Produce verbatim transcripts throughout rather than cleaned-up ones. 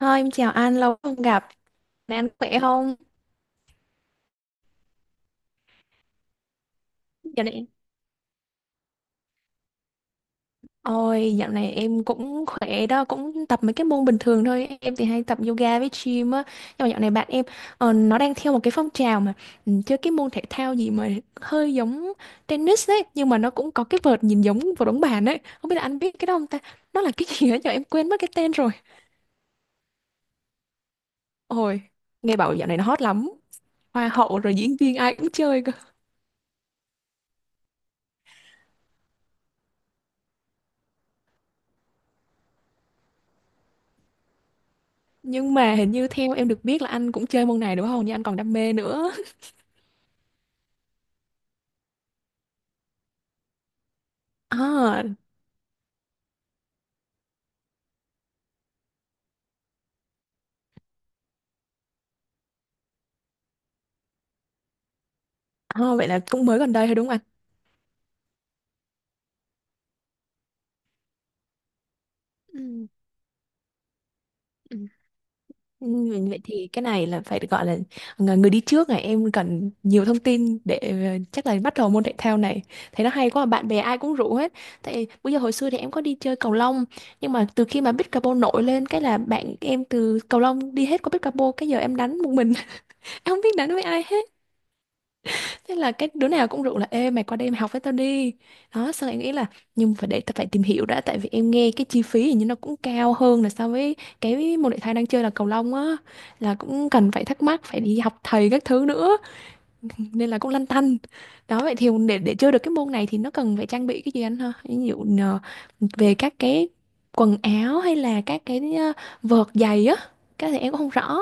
Thôi em chào anh, lâu không gặp. Này anh khỏe không? Dạo này Ôi, dạo này em cũng khỏe đó, cũng tập mấy cái môn bình thường thôi. Em thì hay tập yoga với gym á. Nhưng mà dạo này bạn em ờ, nó đang theo một cái phong trào mà ừ, chơi cái môn thể thao gì mà hơi giống tennis đấy, nhưng mà nó cũng có cái vợt nhìn giống vợt bóng bàn ấy. Không biết là anh biết cái đó không ta? Nó là cái gì ấy giờ em quên mất cái tên rồi. Ôi, nghe bảo dạo này nó hot lắm. Hoa hậu rồi diễn viên ai cũng chơi cơ. Nhưng mà hình như theo em được biết là anh cũng chơi môn này đúng không? Nhưng anh còn đam mê nữa. À, à, vậy là cũng mới gần đây thôi đúng không anh? Ừ. Ừ. Ừ, vậy thì cái này là phải gọi là ng- người đi trước này em cần nhiều thông tin để ờ, chắc là bắt đầu môn thể thao này, thấy nó hay quá bạn bè ai cũng rủ hết. Tại bây giờ hồi xưa thì em có đi chơi cầu lông, nhưng mà từ khi mà pickleball nổi lên cái là bạn em từ cầu lông đi hết qua pickleball, cái giờ em đánh một mình. Em không biết đánh với ai hết. Thế là cái đứa nào cũng rủ là ê mày qua đây mày học với tao đi. Đó, xong em nghĩ là nhưng phải để tao phải tìm hiểu đã, tại vì em nghe cái chi phí hình như nó cũng cao hơn là so với cái môn thể thao đang chơi là cầu lông á, là cũng cần phải thắc mắc phải đi học thầy các thứ nữa, nên là cũng lăn tăn. Đó vậy thì để để chơi được cái môn này thì nó cần phải trang bị cái gì anh ha? Ví dụ ờ, về các cái quần áo hay là các cái ờ, vợt giày á, cái thì em cũng không rõ.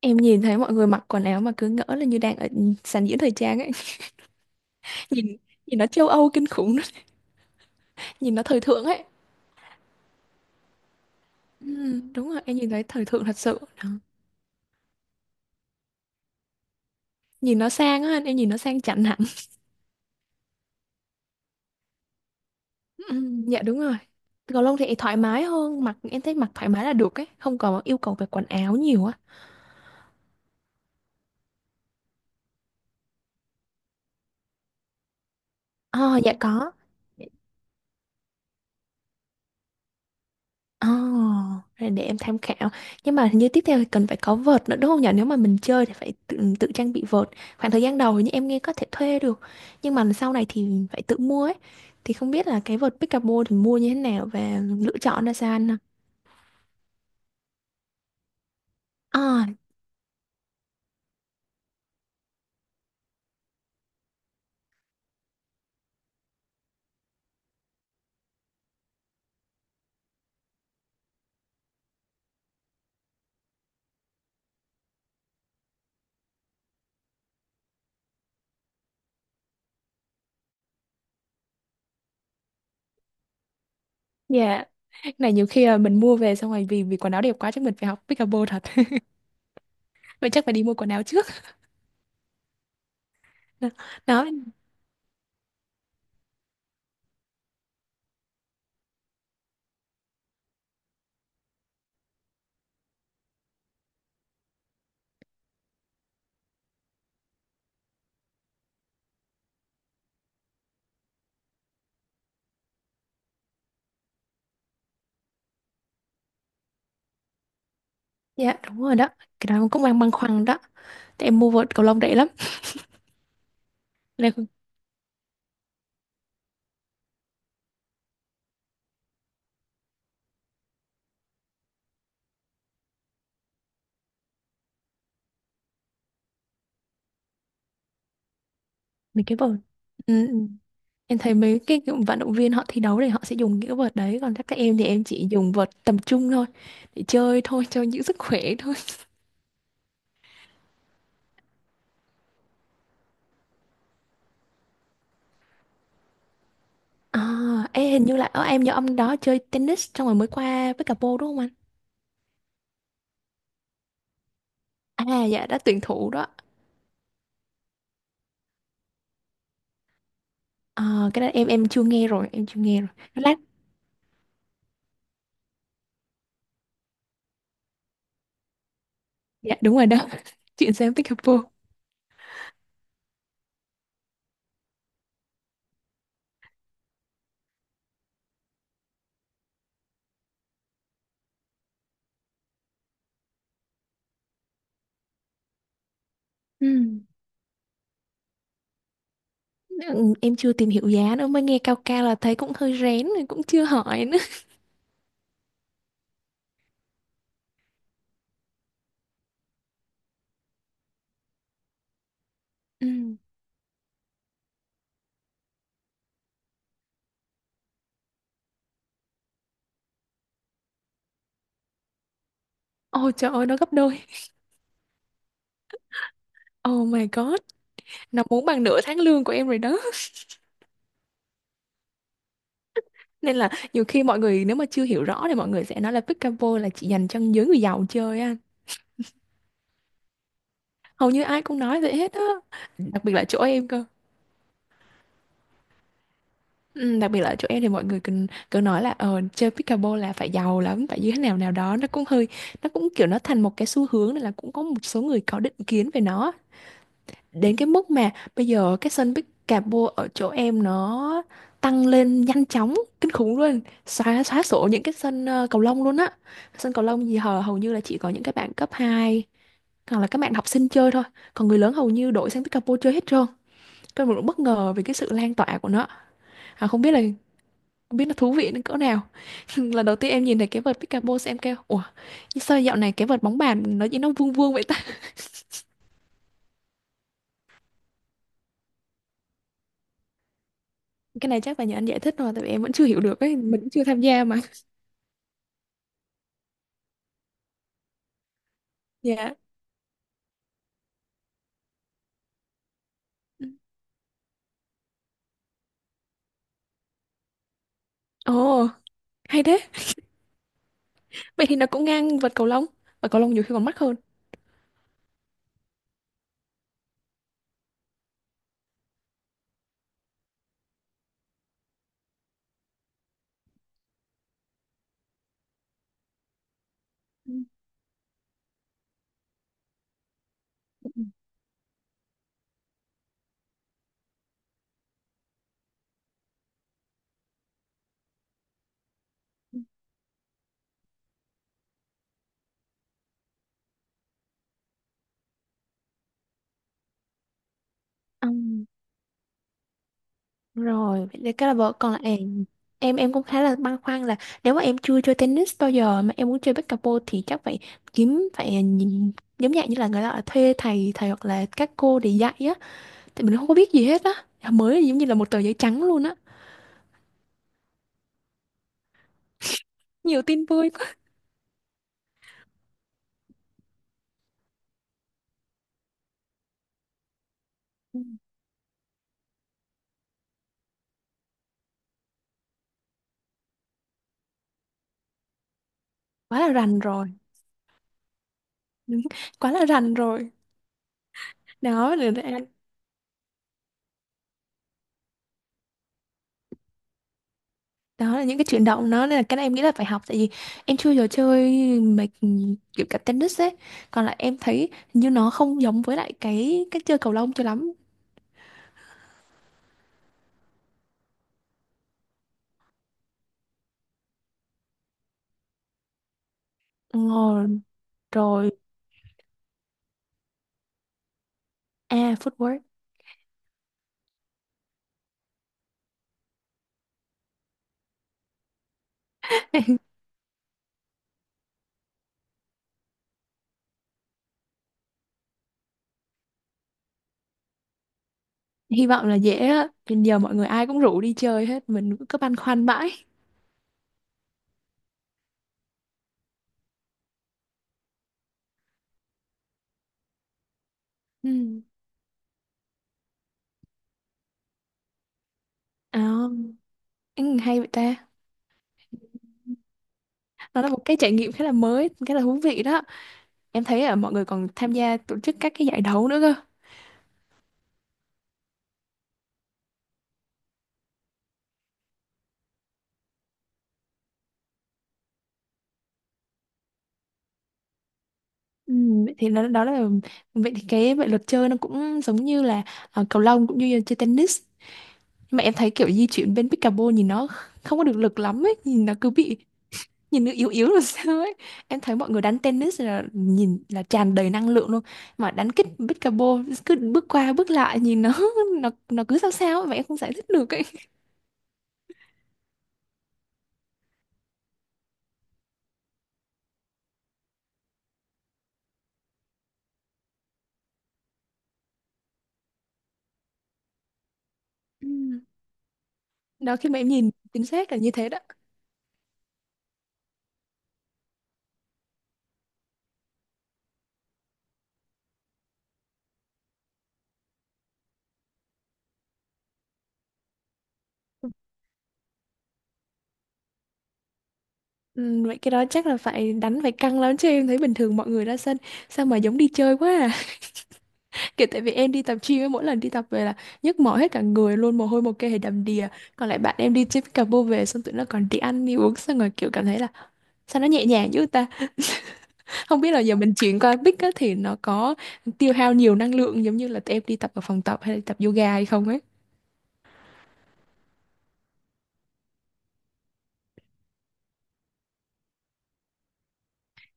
Em nhìn thấy mọi người mặc quần áo mà cứ ngỡ là như đang ở sàn diễn thời trang ấy. Nhìn nhìn nó châu Âu kinh khủng. Nhìn nó thời thượng ấy. Ừ, đúng rồi em nhìn thấy thời thượng thật sự. Đó. Nhìn nó sang á, em nhìn nó sang chảnh hẳn. Ừ, dạ đúng rồi. Cầu lông thì thoải mái hơn, mặc em thấy mặc thoải mái là được ấy, không còn yêu cầu về quần áo nhiều á. Ờ dạ có. Ồ, rồi để em tham khảo. Nhưng mà hình như tiếp theo thì cần phải có vợt nữa đúng không nhỉ? Nếu mà mình chơi thì phải tự, tự trang bị vợt. Khoảng thời gian đầu hình như em nghe có thể thuê được. Nhưng mà sau này thì phải tự mua ấy. Thì không biết là cái vợt Pickleball thì mua như thế nào và lựa chọn ra sao anh? À, dạ. Cái này nhiều khi là mình mua về xong rồi vì vì quần áo đẹp quá chắc mình phải học Pickleball thật. Vậy chắc phải đi mua quần áo trước. Đó. Dạ, đúng rồi đó. Cái đó cũng đang băn khoăn đó. Tại em mua vợt cầu lông rẻ lắm. Nên là cái vợt. Ừ. Ừ. Em thấy mấy cái kiểu vận động viên họ thi đấu thì họ sẽ dùng những cái vợt đấy, còn các các em thì em chỉ dùng vợt tầm trung thôi để chơi thôi cho những sức khỏe thôi. À, ê, hình như là ở em nhớ ông đó chơi tennis xong rồi mới qua với cả pô đúng không anh? À dạ đã tuyển thủ đó. À, cái đó em em chưa nghe rồi em chưa nghe rồi, lát. Dạ đúng rồi đó. Chuyện sang pickleball. Ừ. Ừ, em chưa tìm hiểu giá nữa, mới nghe cao cao là thấy cũng hơi rén rồi cũng chưa hỏi nữa. Ừ. Ôi trời ơi nó gấp đôi. Oh my god. Nó muốn bằng nửa tháng lương của em rồi đó. Nên là nhiều khi mọi người nếu mà chưa hiểu rõ thì mọi người sẽ nói là pickleball là chỉ dành cho giới người giàu chơi á, hầu như ai cũng nói vậy hết á, đặc biệt là chỗ em cơ. Ừ, đặc biệt là chỗ em thì mọi người cứ, cứ nói là ờ, chơi pickleball là phải giàu lắm phải như thế nào nào đó, nó cũng hơi, nó cũng kiểu nó thành một cái xu hướng nên là cũng có một số người có định kiến về nó đến cái mức mà bây giờ cái sân Bicabo ở chỗ em nó tăng lên nhanh chóng kinh khủng luôn. Xóa xóa sổ những cái sân ờ, cầu lông luôn á. Sân cầu lông gì hầu hầu như là chỉ có những cái bạn cấp hai hoặc là các bạn học sinh chơi thôi, còn người lớn hầu như đổi sang Bicabo chơi hết trơn. Tôi mình cũng bất ngờ về cái sự lan tỏa của nó. À, không biết là không biết nó thú vị đến cỡ nào. Lần đầu tiên em nhìn thấy cái vợt Bicabo em kêu ủa sao dạo này cái vợt bóng bàn nó chỉ nó vuông vuông vậy ta? Cái này chắc là nhờ anh giải thích rồi, tại vì em vẫn chưa hiểu được ấy, mình cũng chưa tham gia mà. Dạ. Ồ, hay thế. Vậy thì nó cũng ngang vợt cầu lông, và cầu lông nhiều khi còn mắc hơn. Ừ. Ừm, rồi vậy thì cái là vợ còn lại, em em cũng khá là băn khoăn là nếu mà em chưa chơi tennis bao giờ mà em muốn chơi pickleball thì chắc phải kiếm phải nhìn giống dạng như là người ta ở thuê thầy thầy hoặc là các cô để dạy á, thì mình không có biết gì hết á. Dạ, mới giống như là một tờ giấy trắng luôn á. Nhiều tin vui quá. Ừ. Quá là rành rồi. Đúng. Quá là rành rồi. đó là là- Đó là những cái chuyển động nó, nên là cái này em nghĩ là phải học, tại vì em chưa giờ chơi mấy kiểu cả tennis ấy. Còn lại em thấy hình như nó không giống với lại cái cách chơi cầu lông cho lắm. Ngồi rồi. À footwork. Hy vọng là dễ á. Thì giờ mọi người ai cũng rủ đi chơi hết, mình cứ băn khoăn mãi. Ừ. À, ừ, hay vậy ta. Nó là một cái trải nghiệm khá là mới khá là thú vị đó. Em thấy là mọi người còn tham gia tổ chức các cái giải đấu nữa cơ. Ừ, vậy thì đó, đó là vậy thì cái vậy luật chơi nó cũng giống như là ờ, cầu lông cũng như là chơi tennis, nhưng mà em thấy kiểu di chuyển bên pickleball nhìn nó không có được lực lắm ấy, nhìn nó cứ bị, nhìn nó yếu yếu rồi sao ấy. Em thấy mọi người đánh tennis là nhìn là tràn đầy năng lượng luôn, mà đánh kích pickleball cứ bước qua bước lại nhìn nó nó nó cứ sao sao ấy, mà em không giải thích được ấy. Ừ. Đó khi mà em nhìn chính xác là như thế đó. Ừ, vậy cái đó chắc là phải đánh phải căng lắm, chứ em thấy bình thường mọi người ra sân sao mà giống đi chơi quá à. Kiểu tại vì em đi tập gym ấy, mỗi lần đi tập về là nhức mỏi hết cả người luôn, mồ hôi một cái đầm đìa. Còn lại bạn em đi chơi pickleball về xong tụi nó còn đi ăn đi uống xong rồi kiểu cảm thấy là sao nó nhẹ nhàng dữ ta. Không biết là giờ mình chuyển qua pick á thì nó có tiêu hao nhiều năng lượng giống như là tụi em đi tập ở phòng tập hay là tập yoga hay không ấy.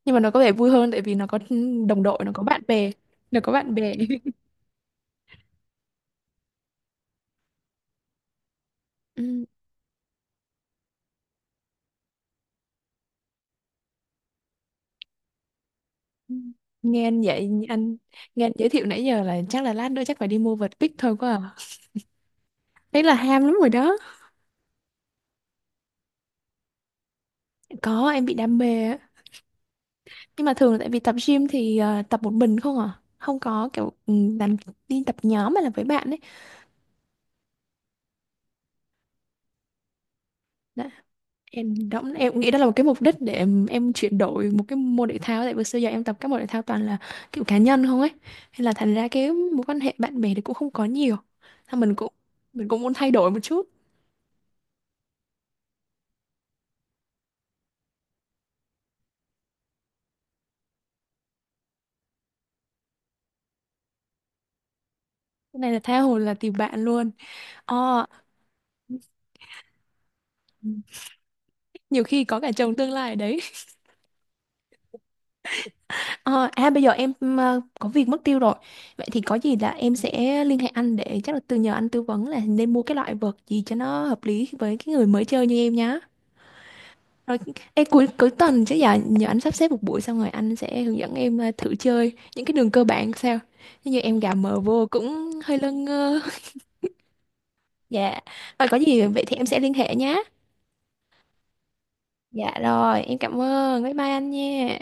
Nhưng mà nó có vẻ vui hơn tại vì nó có đồng đội, nó có bạn bè, nó có bạn bè. Ừ, ừ. Nghe anh vậy anh, nghe anh giới thiệu nãy giờ là chắc là lát nữa chắc phải đi mua vợt pick thôi quá à. Thế là ham lắm rồi đó. Có em bị đam mê á. Nhưng mà thường là tại vì tập gym thì ờ, tập một mình không à? Không có kiểu ừ, làm đi tập nhóm mà là với bạn ấy. Đó. Em đó, em nghĩ đó là một cái mục đích để em, em chuyển đổi một cái môn thể thao tại vì xưa giờ em tập các môn thể thao toàn là kiểu cá nhân không ấy. Nên là thành ra cái mối quan hệ bạn bè thì cũng không có nhiều. Thôi mình cũng mình cũng muốn thay đổi một chút. Cái này là tha hồ là tìm bạn luôn. Ờ, nhiều khi có cả chồng tương lai ở đấy. Ờ, à bây giờ em ờ, có việc mất tiêu rồi. Vậy thì có gì là em sẽ liên hệ anh để chắc là từ nhờ anh tư vấn là nên mua cái loại vợt gì cho nó hợp lý với cái người mới chơi như em nhá. Rồi ê, cuối cuối tuần chứ giờ nhờ anh sắp xếp một buổi xong rồi anh sẽ hướng dẫn em ờ, thử chơi những cái đường cơ bản sao. Chứ như em gà mờ vô cũng hơi lơ ngơ. Dạ. Rồi có gì vậy thì em sẽ liên hệ nhá. Dạ rồi, em cảm ơn. Bye bye anh nha.